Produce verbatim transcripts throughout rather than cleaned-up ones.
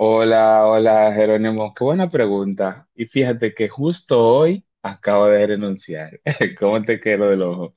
Hola, hola Jerónimo, qué buena pregunta. Y fíjate que justo hoy acabo de renunciar. ¿Cómo te quedó del ojo?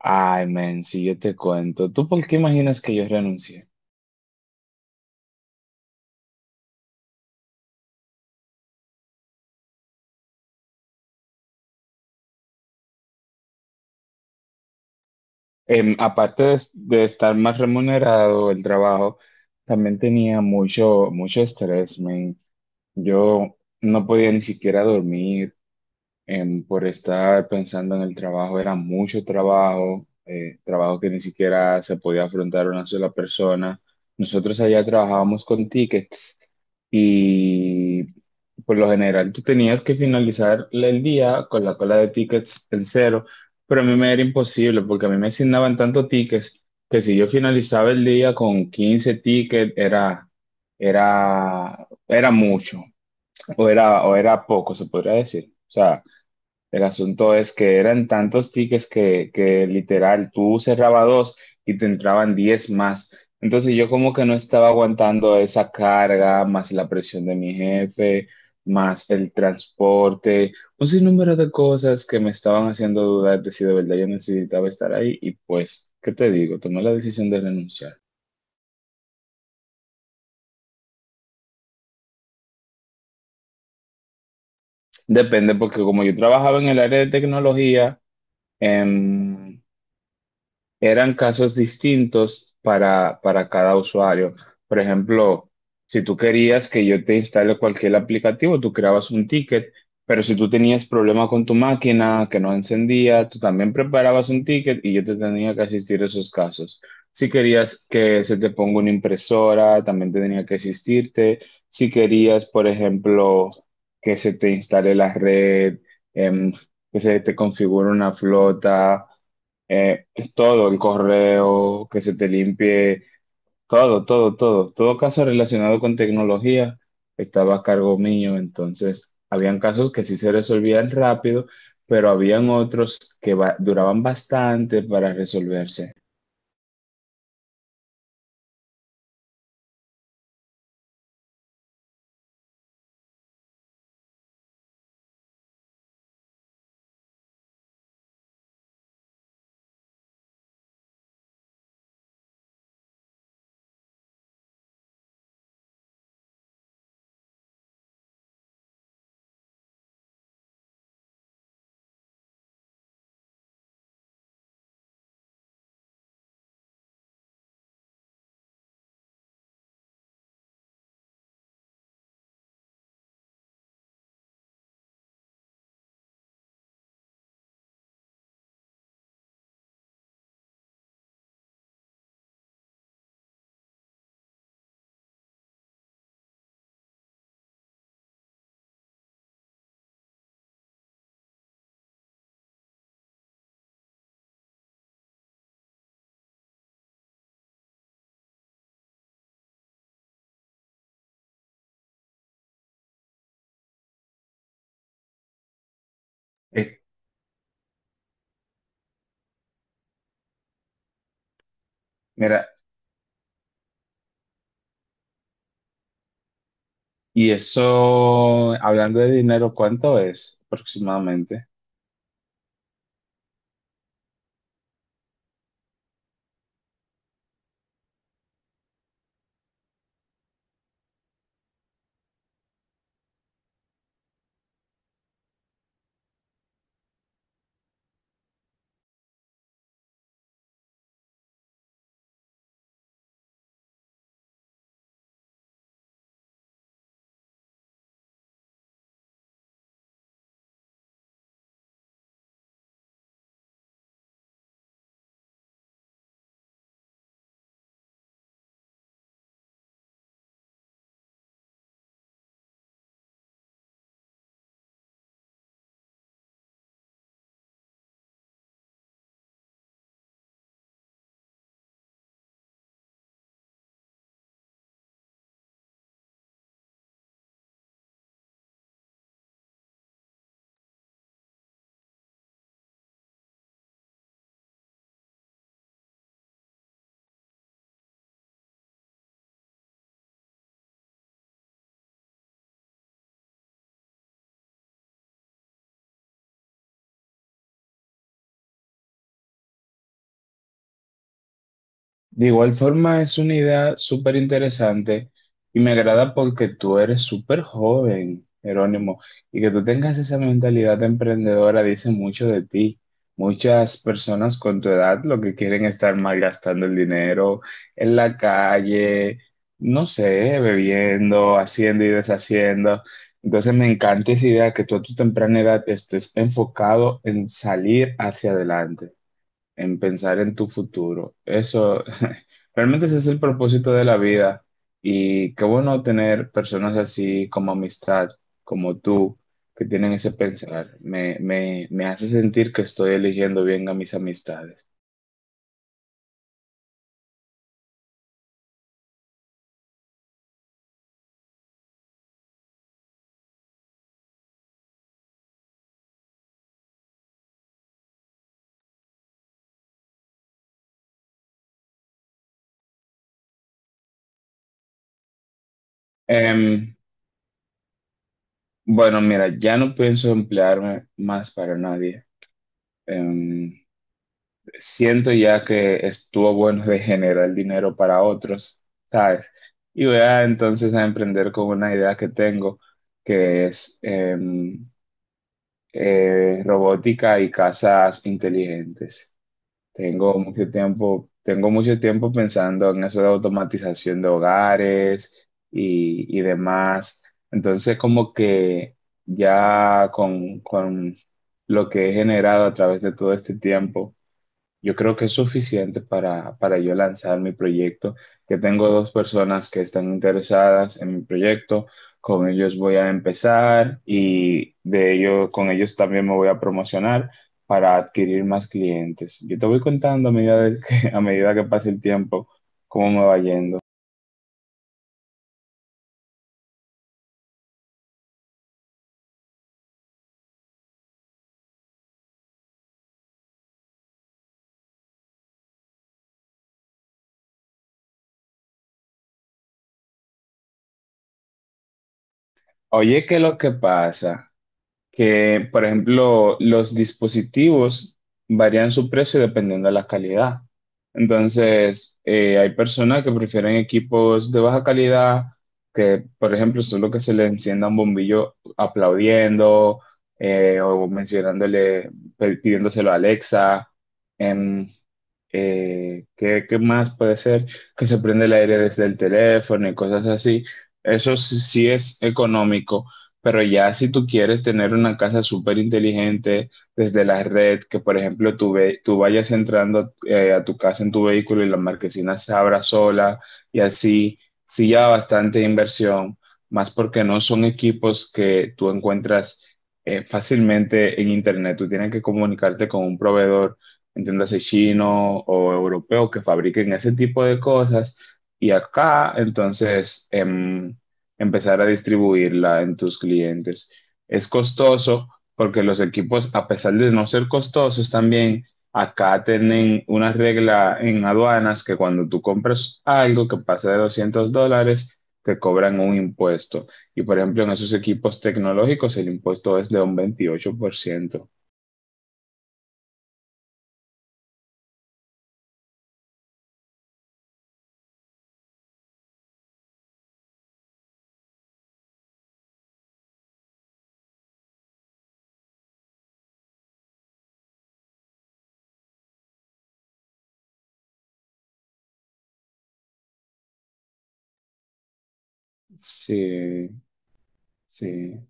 Ay, men, si yo te cuento, ¿tú por qué imaginas que yo renuncié? Em, aparte de, de estar más remunerado el trabajo, también tenía mucho, mucho estrés, men. Yo no podía ni siquiera dormir, em, por estar pensando en el trabajo. Era mucho trabajo, eh, trabajo que ni siquiera se podía afrontar una sola persona. Nosotros allá trabajábamos con tickets y por lo general tú tenías que finalizar el día con la cola de tickets en cero, pero a mí me era imposible porque a mí me asignaban tantos tickets que si yo finalizaba el día con quince tickets era... Era, era mucho, o era, o era poco, se podría decir. O sea, el asunto es que eran tantos tickets que, que literal tú cerrabas dos y te entraban diez más. Entonces yo como que no estaba aguantando esa carga, más la presión de mi jefe, más el transporte, un sinnúmero de cosas que me estaban haciendo dudar de si de verdad yo necesitaba estar ahí y pues, ¿qué te digo? Tomé la decisión de renunciar. Depende porque como yo trabajaba en el área de tecnología, em, eran casos distintos para, para cada usuario. Por ejemplo, si tú querías que yo te instale cualquier aplicativo, tú creabas un ticket, pero si tú tenías problema con tu máquina que no encendía, tú también preparabas un ticket y yo te tenía que asistir a esos casos. Si querías que se te ponga una impresora, también te tenía que asistirte. Si querías, por ejemplo, que se te instale la red, em, que se te configure una flota. Eh, todo, el correo, que se te limpie, todo, todo, todo. Todo caso relacionado con tecnología estaba a cargo mío. Entonces, habían casos que sí se resolvían rápido, pero habían otros que va- duraban bastante para resolverse. Eh, mira, y eso, hablando de dinero, ¿cuánto es aproximadamente? De igual forma, es una idea súper interesante y me agrada porque tú eres súper joven, Jerónimo, y que tú tengas esa mentalidad emprendedora dice mucho de ti. Muchas personas con tu edad lo que quieren es estar malgastando el dinero en la calle, no sé, bebiendo, haciendo y deshaciendo. Entonces me encanta esa idea que tú a tu temprana edad estés enfocado en salir hacia adelante, en pensar en tu futuro. Eso, realmente ese es el propósito de la vida, y qué bueno tener personas así como amistad, como tú, que tienen ese pensar. Me, me, me hace sentir que estoy eligiendo bien a mis amistades. Em, bueno, mira, ya no pienso emplearme más para nadie. Em, siento ya que estuvo bueno de generar dinero para otros, ¿sabes? Y voy a entonces a emprender con una idea que tengo, que es em, eh, robótica y casas inteligentes. Tengo mucho tiempo, tengo mucho tiempo pensando en eso de automatización de hogares y, y demás. Entonces, como que ya con, con lo que he generado a través de todo este tiempo yo creo que es suficiente para, para yo lanzar mi proyecto, que tengo dos personas que están interesadas en mi proyecto, con ellos voy a empezar y de ellos, con ellos también me voy a promocionar para adquirir más clientes. Yo te voy contando a medida de que, a medida que pase el tiempo cómo me va yendo. Oye, ¿qué es lo que pasa? Que, por ejemplo, los dispositivos varían su precio dependiendo de la calidad. Entonces, eh, hay personas que prefieren equipos de baja calidad, que, por ejemplo, solo que se le encienda un bombillo aplaudiendo, eh, o mencionándole, pe- pidiéndoselo a Alexa. Em, eh, ¿qué, qué más puede ser? Que se prende el aire desde el teléfono y cosas así. Eso sí sí es económico. Pero ya si tú quieres tener una casa súper inteligente desde la red, que por ejemplo tú, ve- tú vayas entrando eh, a tu casa en tu vehículo y la marquesina se abra sola, y así, sí, ya bastante inversión, más porque no son equipos que tú encuentras eh, fácilmente en internet. Tú tienes que comunicarte con un proveedor, entiéndase chino o europeo, que fabriquen ese tipo de cosas. Y acá, entonces... em, empezar a distribuirla en tus clientes. Es costoso porque los equipos, a pesar de no ser costosos también, acá tienen una regla en aduanas que cuando tú compras algo que pasa de doscientos dólares, te cobran un impuesto. Y por ejemplo, en esos equipos tecnológicos el impuesto es de un veintiocho por ciento. Sí, sí.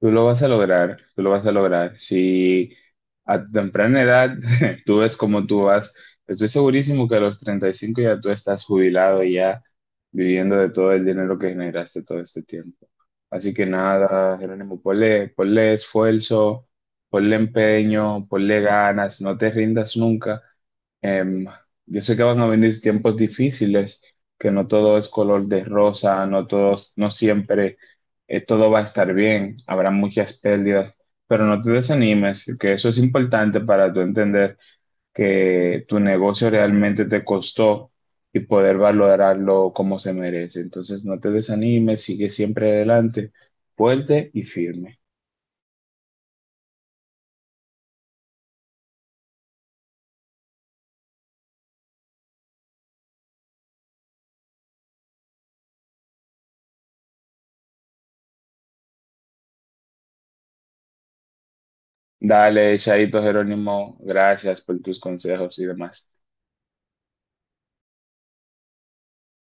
Tú lo vas a lograr, tú lo vas a lograr. Si a tu temprana edad tú ves cómo tú vas, estoy segurísimo que a los treinta y cinco ya tú estás jubilado y ya viviendo de todo el dinero que generaste todo este tiempo. Así que nada, Jerónimo, ponle, ponle esfuerzo, ponle empeño, ponle ganas, no te rindas nunca. Em, yo sé que van a venir tiempos difíciles, que no todo es color de rosa, no todos, no siempre, eh, todo va a estar bien, habrá muchas pérdidas, pero no te desanimes, que eso es importante para tú entender que tu negocio realmente te costó y poder valorarlo como se merece. Entonces, no te desanimes, sigue siempre adelante, fuerte y firme. Dale, Chaito Jerónimo, gracias por tus consejos y demás.